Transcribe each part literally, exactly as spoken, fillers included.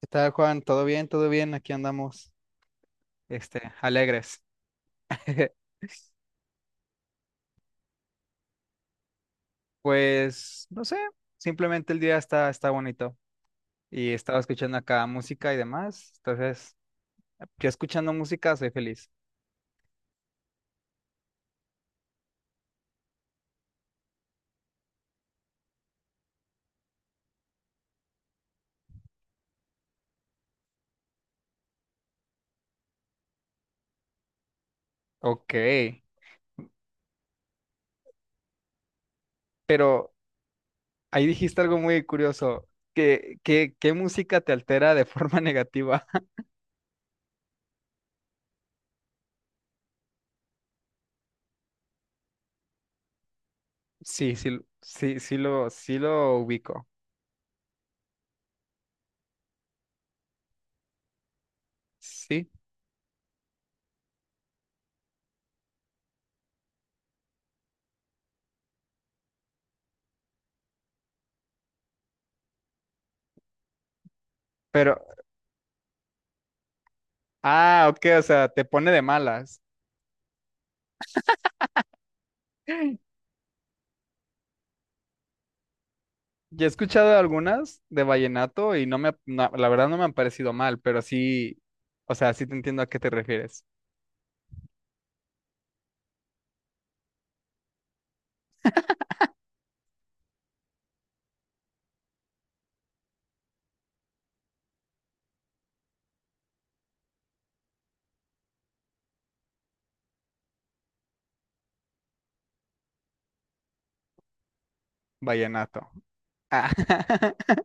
¿Qué tal, Juan? ¿Todo bien? ¿Todo bien? Aquí andamos, este, alegres. Pues, no sé, simplemente el día está, está bonito y estaba escuchando acá música y demás. Entonces, yo escuchando música soy feliz. Ok, pero ahí dijiste algo muy curioso. ¿Qué, qué, qué música te altera de forma negativa? Sí, sí, sí, sí lo, sí lo ubico. Sí, pero, ah, ok, o sea, te pone de malas. Ya he escuchado algunas de vallenato y no me, no, la verdad no me han parecido mal, pero sí, o sea, sí te entiendo a qué te refieres. Vallenato. Ah,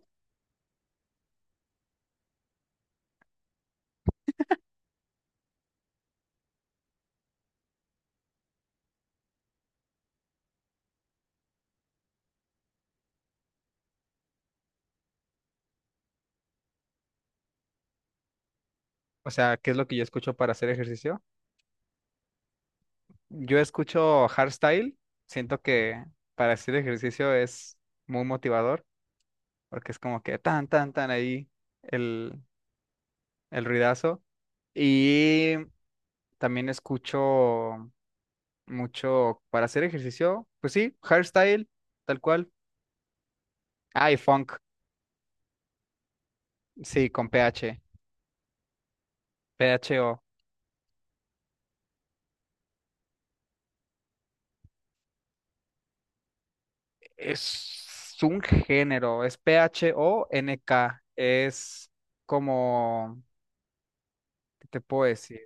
O sea, ¿qué es lo que yo escucho para hacer ejercicio? Yo escucho hardstyle, siento que para hacer ejercicio es muy motivador, porque es como que tan, tan, tan ahí el, el ruidazo. Y también escucho mucho para hacer ejercicio, pues sí, hardstyle, tal cual. Ah, y funk. Sí, con P H. P H O. Es un género, es PHONK. Es como, ¿qué te puedo decir?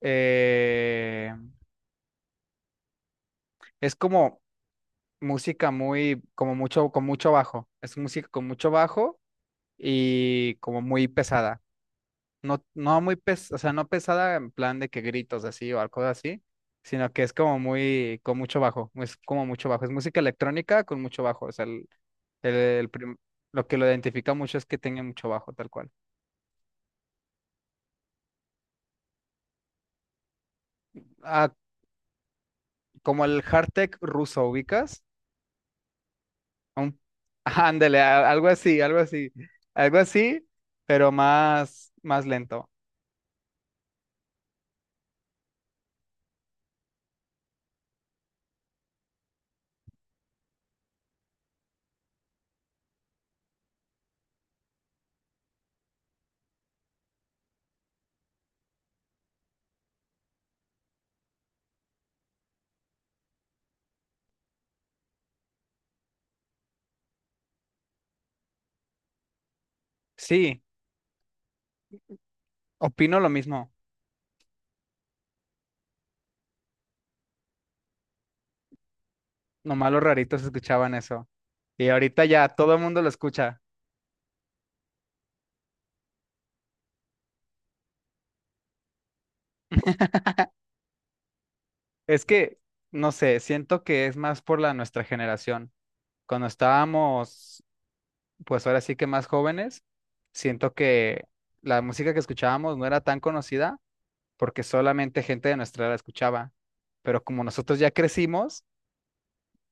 Eh, es como música muy, como mucho, con mucho bajo. Es música con mucho bajo y como muy pesada. No, no muy pes, O sea, no pesada en plan de que gritos así o algo así, sino que es como muy, con mucho bajo. Es como mucho bajo. Es música electrónica con mucho bajo. O sea, El, el prim- lo que lo identifica mucho es que tenga mucho bajo, tal cual. Ah, como el Hardtech ruso, ¿ubicas? Un- ándale, a- algo así, algo así. Algo así, pero más, más lento. Sí, opino lo mismo. Nomás los raritos escuchaban eso. Y ahorita ya todo el mundo lo escucha. Es que, no sé, siento que es más por la nuestra generación. Cuando estábamos, pues ahora sí que más jóvenes, siento que la música que escuchábamos no era tan conocida porque solamente gente de nuestra edad la escuchaba. Pero como nosotros ya crecimos,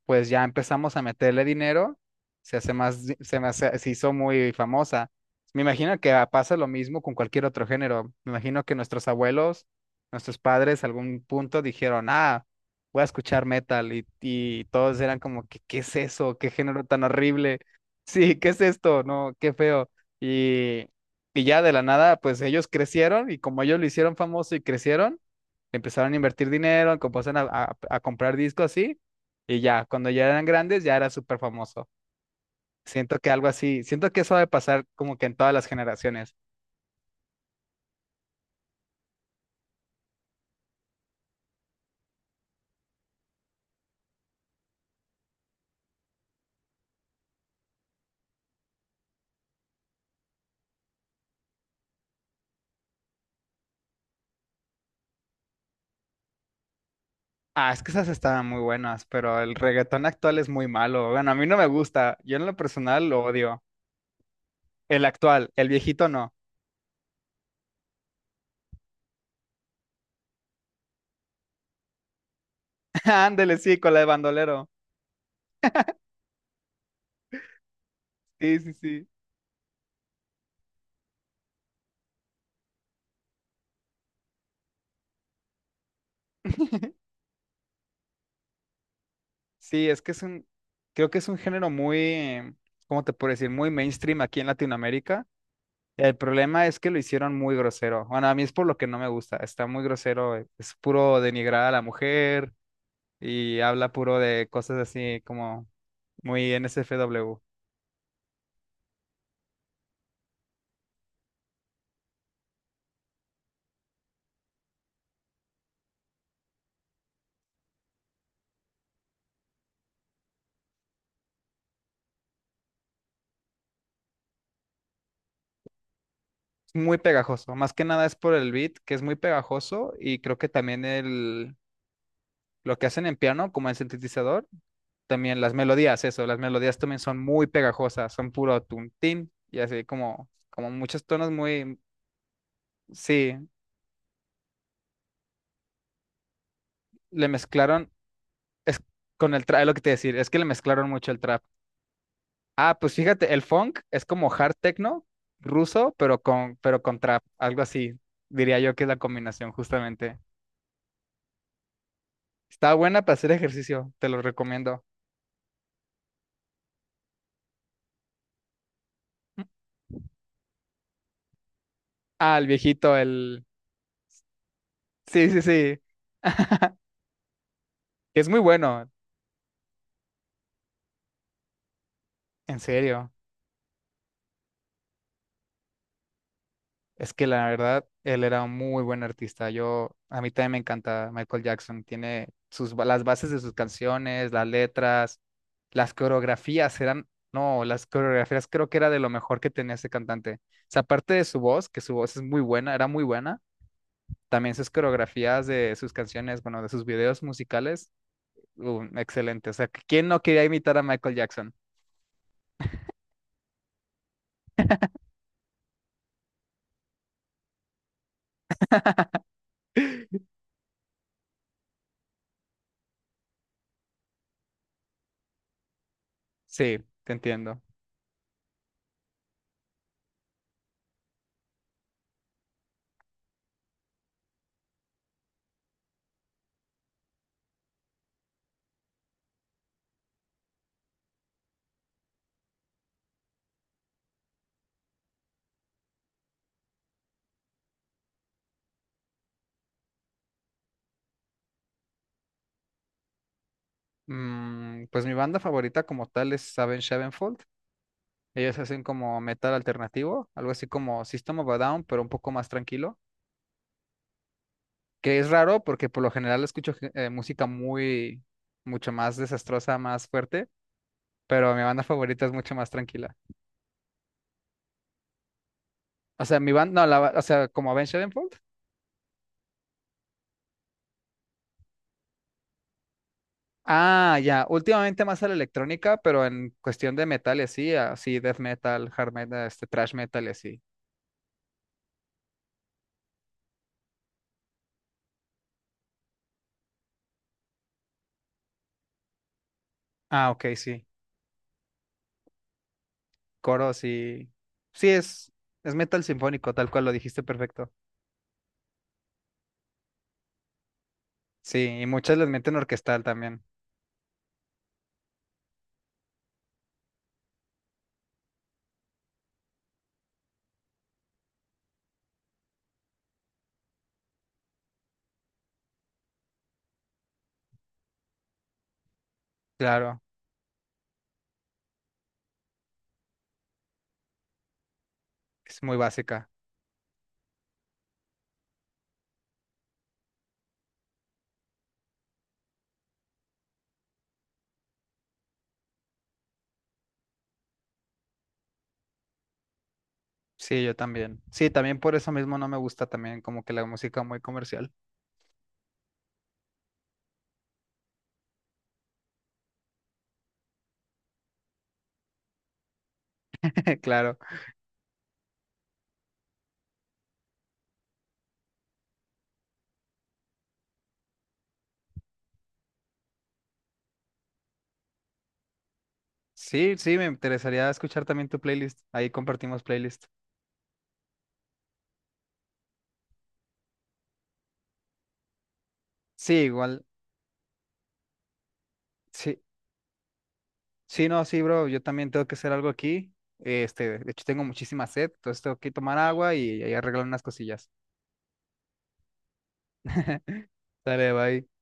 pues ya empezamos a meterle dinero, se hace más, di- se, me hace- se hizo muy famosa. Me imagino que ah, pasa lo mismo con cualquier otro género. Me imagino que nuestros abuelos, nuestros padres, algún punto dijeron, ah, voy a escuchar metal y, y todos eran como que, ¿qué es eso? ¿Qué género tan horrible? Sí, ¿qué es esto? No, qué feo. Y, y ya de la nada, pues ellos crecieron y como ellos lo hicieron famoso y crecieron, empezaron a invertir dinero, empezaron a, a- a comprar discos así, y ya, cuando ya eran grandes, ya era súper famoso. Siento que algo así, siento que eso debe pasar como que en todas las generaciones. Ah, es que esas estaban muy buenas, pero el reggaetón actual es muy malo. Bueno, a mí no me gusta, yo en lo personal lo odio. El actual, el viejito no. Ándele, sí, con la de bandolero. Sí, sí, sí. Sí, es que es un, creo que es un género muy, ¿cómo te puedo decir? Muy mainstream aquí en Latinoamérica. El problema es que lo hicieron muy grosero. Bueno, a mí es por lo que no me gusta. Está muy grosero. eh, Es puro denigrar a la mujer y habla puro de cosas así como muy N S F W. Es muy pegajoso. Más que nada es por el beat, que es muy pegajoso y creo que también el, lo que hacen en piano, como en sintetizador, también las melodías, eso, las melodías también son muy pegajosas. Son puro tuntín y así como, como muchos tonos muy... Sí, le mezclaron. Es con el trap, es lo que te iba a decir, es que le mezclaron mucho el trap. Ah, pues fíjate, el funk es como hard techno ruso, pero con, pero con trap, algo así. Diría yo que es la combinación, justamente. Está buena para hacer ejercicio, te lo recomiendo. Ah, el viejito, el... Sí, sí, sí. Es muy bueno, en serio. Es que la verdad, él era un muy buen artista. Yo, a mí también me encanta Michael Jackson. Tiene sus, ba- las bases de sus canciones, las letras, las coreografías eran, no, las coreografías creo que era de lo mejor que tenía ese cantante. O sea, aparte de su voz, que su voz es muy buena, era muy buena, también sus coreografías de sus canciones, bueno, de sus videos musicales, uh, excelente. O sea, ¿quién no quería imitar a Michael Jackson? Sí, te entiendo. Mm, pues mi banda favorita como tal es Avenged Sevenfold. Ellos hacen como metal alternativo, algo así como System of a Down, pero un poco más tranquilo, que es raro porque por lo general escucho eh, música muy, mucho más desastrosa, más fuerte, pero mi banda favorita es mucho más tranquila. O sea, mi banda, no, la, ba- o sea, como Avenged Sevenfold. Ah, ya, últimamente más a la electrónica, pero en cuestión de metal y así, así death metal, hard metal, este, thrash metal y así. Ah, ok, sí, coros y... Sí, es, es metal sinfónico, tal cual lo dijiste perfecto. Sí, y muchas les meten orquestal también. Claro, es muy básica. Sí, yo también. Sí, también por eso mismo no me gusta también como que la música muy comercial. Claro. Sí, sí, me interesaría escuchar también tu playlist. Ahí compartimos playlist. Sí, igual. Sí, sí, no, sí, bro. Yo también tengo que hacer algo aquí. Este, de hecho tengo muchísima sed, entonces tengo que tomar agua y, y arreglar unas cosillas. Dale, bye.